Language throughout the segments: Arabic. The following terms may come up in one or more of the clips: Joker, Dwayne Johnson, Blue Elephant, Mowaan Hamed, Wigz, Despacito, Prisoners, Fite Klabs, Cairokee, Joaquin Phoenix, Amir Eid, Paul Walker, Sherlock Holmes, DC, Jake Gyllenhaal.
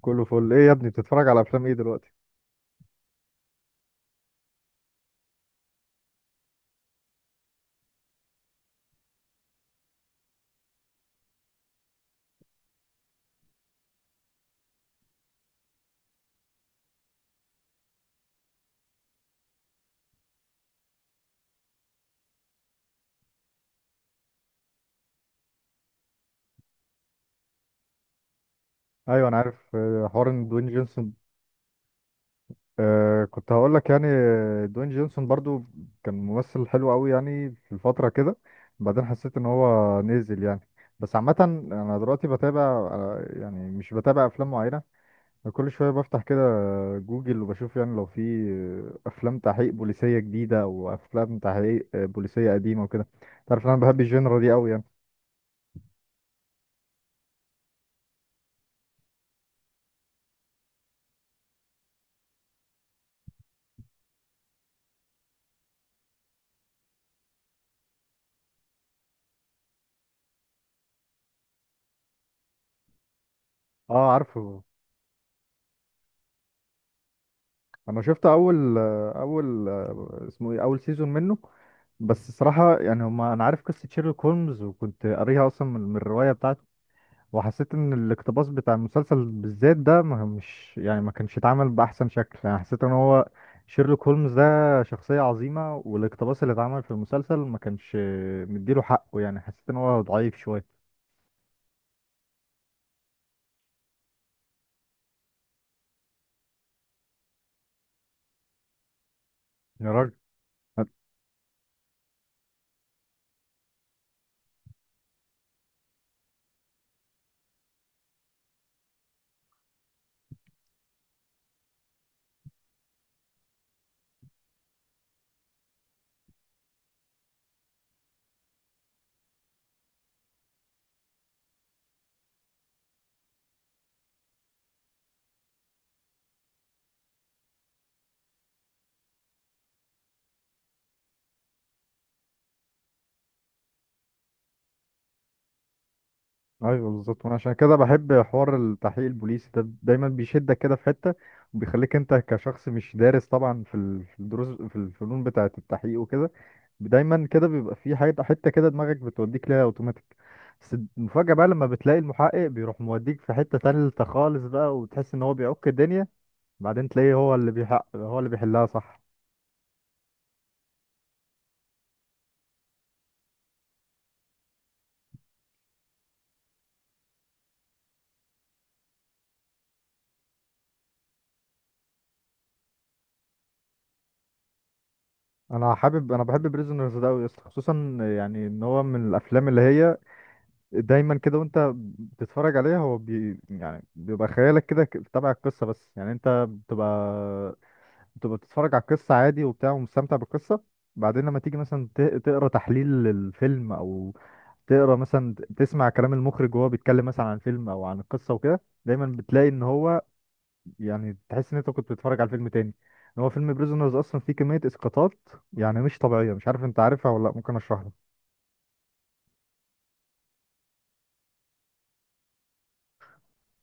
كله فل ايه يا ابني؟ بتتفرج على افلام ايه دلوقتي؟ ايوه انا عارف حوار ان دوين جونسون. كنت هقول لك، دوين جونسون برضو كان ممثل حلو قوي يعني في الفتره كده. بعدين حسيت ان هو نزل يعني، بس عامه انا دلوقتي بتابع. يعني مش بتابع افلام معينه، كل شويه بفتح كده جوجل وبشوف يعني لو في افلام تحقيق بوليسيه جديده او افلام تحقيق بوليسيه قديمه وكده. تعرف إن انا بحب الجينرا دي قوي يعني. اه عارفه. انا شفت اول اول اسمه ايه اول سيزون منه. بس الصراحه يعني هما انا عارف قصه شيرلوك هولمز، وكنت قاريها اصلا من الروايه بتاعته، وحسيت ان الاقتباس بتاع المسلسل بالذات ده ما مش يعني ما كانش اتعمل باحسن شكل. يعني حسيت ان هو شيرلوك هولمز ده شخصيه عظيمه، والاقتباس اللي اتعمل في المسلسل ما كانش مديله حقه. يعني حسيت ان هو ضعيف شويه. يا راجل، ايوه بالظبط. وانا عشان كده بحب حوار التحقيق البوليسي ده، دايما بيشدك كده في حته، وبيخليك انت كشخص مش دارس طبعا في الدروس في الفنون بتاعه التحقيق وكده. دايما كده بيبقى في حته حته كده دماغك بتوديك ليها اوتوماتيك، بس المفاجاه بقى لما بتلاقي المحقق بيروح موديك في حته تالته خالص بقى، وتحس ان هو بيعك الدنيا. بعدين تلاقيه هو اللي بيحلها، صح؟ انا بحب بريزونرز ده أوي يا اسطى، خصوصا يعني ان هو من الافلام اللي هي دايما كده وانت بتتفرج عليها، هو بي يعني بيبقى خيالك كده تبع القصة، بس يعني انت بتبقى بتبقى بتتفرج على القصة عادي وبتاع ومستمتع بالقصة. بعدين لما تيجي مثلا تقرا تحليل للفيلم، او تقرا مثلا، تسمع كلام المخرج وهو بيتكلم مثلا عن فيلم او عن القصة وكده، دايما بتلاقي ان هو يعني تحس ان انت كنت بتتفرج على فيلم تاني. ان هو فيلم بريزونرز اصلا فيه كمية اسقاطات يعني مش طبيعية. مش عارف انت عارفها ولا لا، ممكن اشرح لك.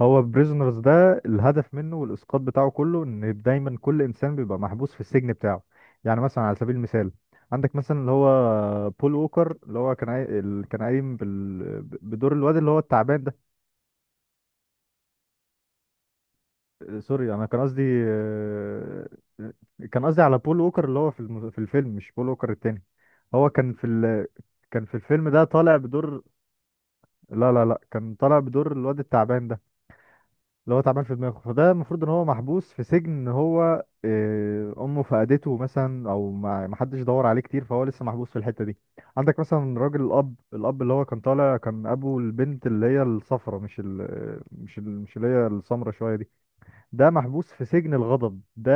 هو بريزونرز ده الهدف منه والاسقاط بتاعه كله ان دايما كل انسان بيبقى محبوس في السجن بتاعه. يعني مثلا، على سبيل المثال، عندك مثلا اللي هو بول ووكر اللي هو كان قايم بدور الواد اللي هو التعبان ده. سوري، انا كان قصدي آه، كان قصدي على بول ووكر اللي هو في الفيلم، مش بول ووكر التاني. هو كان في ال... كان في الفيلم ده طالع بدور، لا لا لا، كان طالع بدور الواد التعبان ده اللي هو تعبان في دماغه. فده المفروض ان هو محبوس في سجن ان هو، امه فقدته مثلا، او ما حدش دور عليه كتير، فهو لسه محبوس في الحتة دي. عندك مثلا راجل الاب اللي هو كان طالع، كان ابو البنت اللي هي الصفرة، مش اللي هي السمرة شوية دي. ده محبوس في سجن الغضب ده،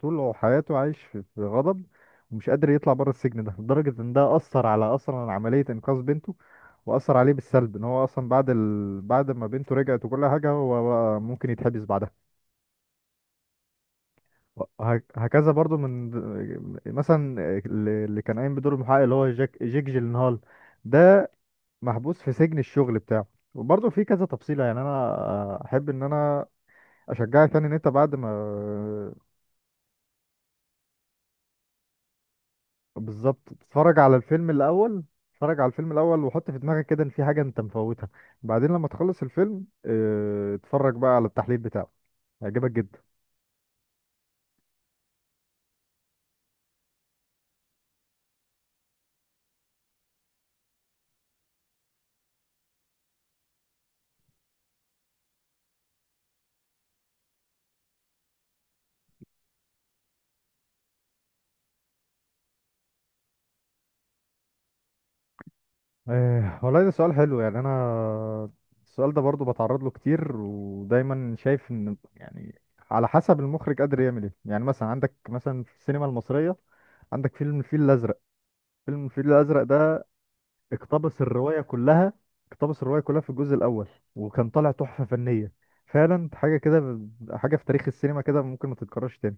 طول حياته عايش في غضب، ومش قادر يطلع بره السجن ده لدرجة ان ده أثر على أصلا عملية إنقاذ بنته، وأثر عليه بالسلب ان هو أصلا بعد ما بنته رجعت وكل حاجة، هو بقى ممكن يتحبس بعدها. هكذا برضو من، مثلا، اللي كان قايم بدور المحقق اللي هو جيك جيلنهال ده، محبوس في سجن الشغل بتاعه. وبرضه في كذا تفصيلة. يعني أنا أحب إن أنا أشجعك، يعني إن أنت بعد ما، بالظبط، اتفرج على الفيلم الاول. اتفرج على الفيلم الاول وحط في دماغك كده ان في حاجه انت مفوتها، بعدين لما تخلص الفيلم اتفرج بقى على التحليل بتاعه، هيعجبك جدا. اه، والله ده سؤال حلو. يعني انا السؤال ده برضو بتعرض له كتير، ودايما شايف ان يعني على حسب المخرج قادر يعمل ايه. يعني مثلا عندك مثلا في السينما المصريه، عندك فيلم الفيل الازرق. فيلم الفيل الازرق ده اقتبس الرواية كلها اقتبس الرواية كلها في الجزء الأول، وكان طالع تحفة فنية، فعلا حاجة كده، حاجة في تاريخ السينما كده ممكن ما تتكررش تاني.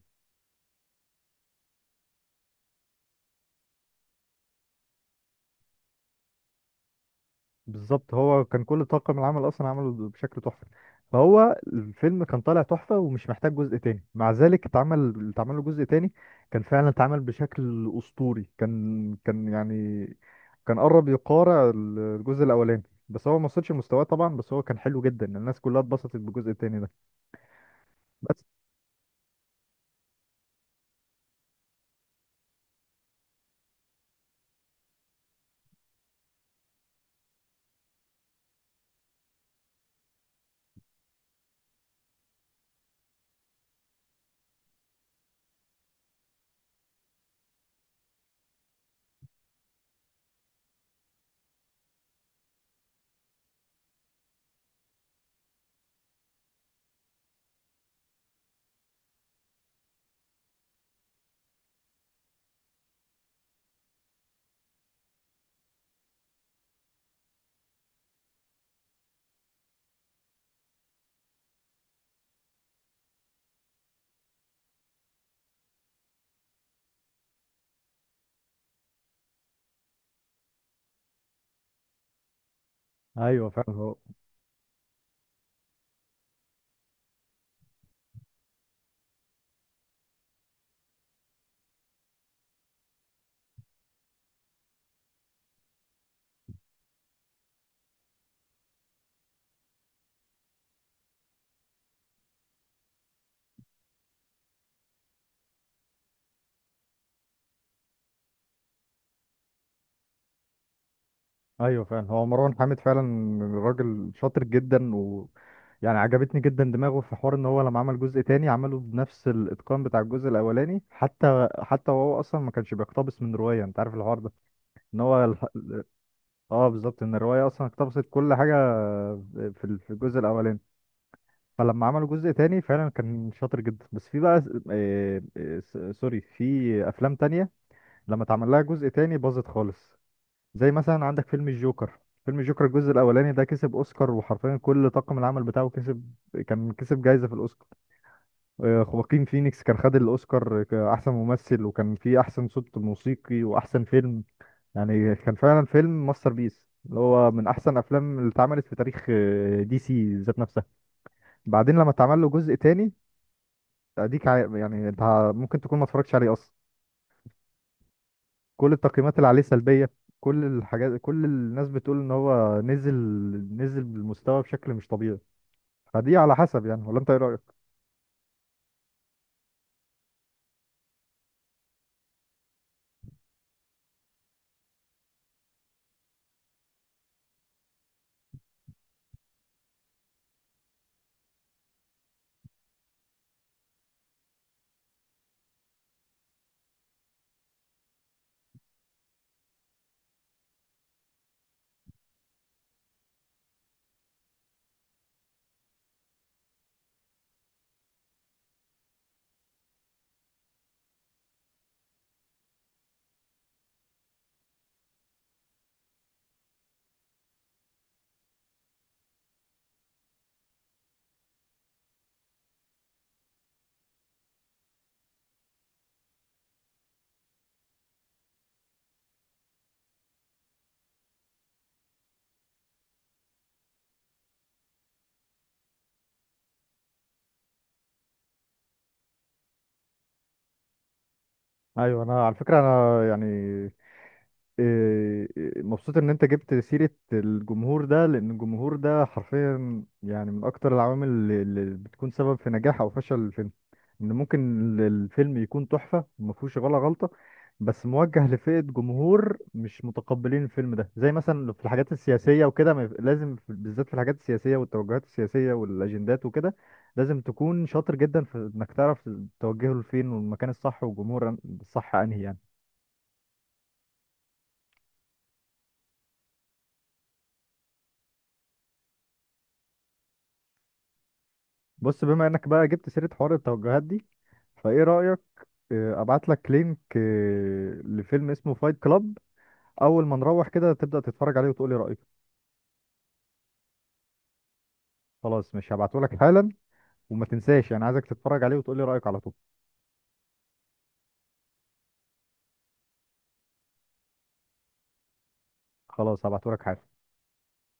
بالظبط، هو كان كل طاقم العمل أصلا عمله بشكل تحفة، فهو الفيلم كان طالع تحفة ومش محتاج جزء تاني. مع ذلك اتعمل له جزء تاني، كان فعلا اتعمل بشكل أسطوري. كان قرب يقارع الجزء الأولاني، بس هو ما وصلش لمستواه طبعا، بس هو كان حلو جدا، الناس كلها اتبسطت بالجزء التاني ده. بس ايوه فعلا هو ايوه فعلا، هو مروان حامد فعلا راجل شاطر جدا، و يعني عجبتني جدا دماغه في حوار ان هو لما عمل جزء تاني عمله بنفس الاتقان بتاع الجزء الاولاني، حتى وهو اصلا ما كانش بيقتبس من روايه. انت عارف الحوار ده ان هو اه بالظبط، ان الروايه اصلا اقتبست كل حاجه في الجزء الاولاني. فلما عملوا جزء تاني فعلا كان شاطر جدا. بس في بقى، سوري، في افلام تانية لما اتعمل لها جزء تاني باظت خالص، زي مثلا عندك فيلم الجوكر. فيلم الجوكر الجزء الاولاني ده كسب اوسكار، وحرفيا كل طاقم العمل بتاعه كسب، كان كسب جايزه في الاوسكار. خواكين فينيكس كان خد الاوسكار كاحسن ممثل، وكان فيه احسن صوت موسيقي واحسن فيلم. يعني كان فعلا فيلم ماستر بيس، اللي هو من احسن افلام اللي اتعملت في تاريخ دي سي ذات نفسها. بعدين لما اتعمل له جزء تاني، اديك عا- يعني انت ممكن تكون ما اتفرجتش عليه اصلا، كل التقييمات اللي عليه سلبية، كل الناس بتقول ان هو نزل، نزل بالمستوى بشكل مش طبيعي. فدي على حسب يعني، ولا انت ايه رأيك؟ ايوه، انا على فكرة انا يعني إيه، إيه، مبسوط ان انت جبت سيرة الجمهور ده، لان الجمهور ده حرفيا يعني من اكتر العوامل اللي بتكون سبب في نجاح او فشل الفيلم. ان ممكن الفيلم يكون تحفة وما فيهوش ولا غلطة، بس موجه لفئة جمهور مش متقبلين الفيلم ده، زي مثلا في الحاجات السياسية وكده. ما يف- لازم في- بالذات في الحاجات السياسية والتوجهات السياسية والاجندات وكده، لازم تكون شاطر جدا في انك تعرف توجهه لفين، والمكان الصح والجمهور الصح انهي يعني. بص، بما انك بقى جبت سيرة حوار التوجهات دي، فايه رأيك، ابعت لك لينك لفيلم اسمه فايت كلاب، اول ما نروح كده تبدأ تتفرج عليه وتقولي رأيك. خلاص، مش هبعته لك حالا، وما تنساش، يعني عايزك تتفرج عليه وتقولي رأيك على طول. خلاص هبعته لك حالا.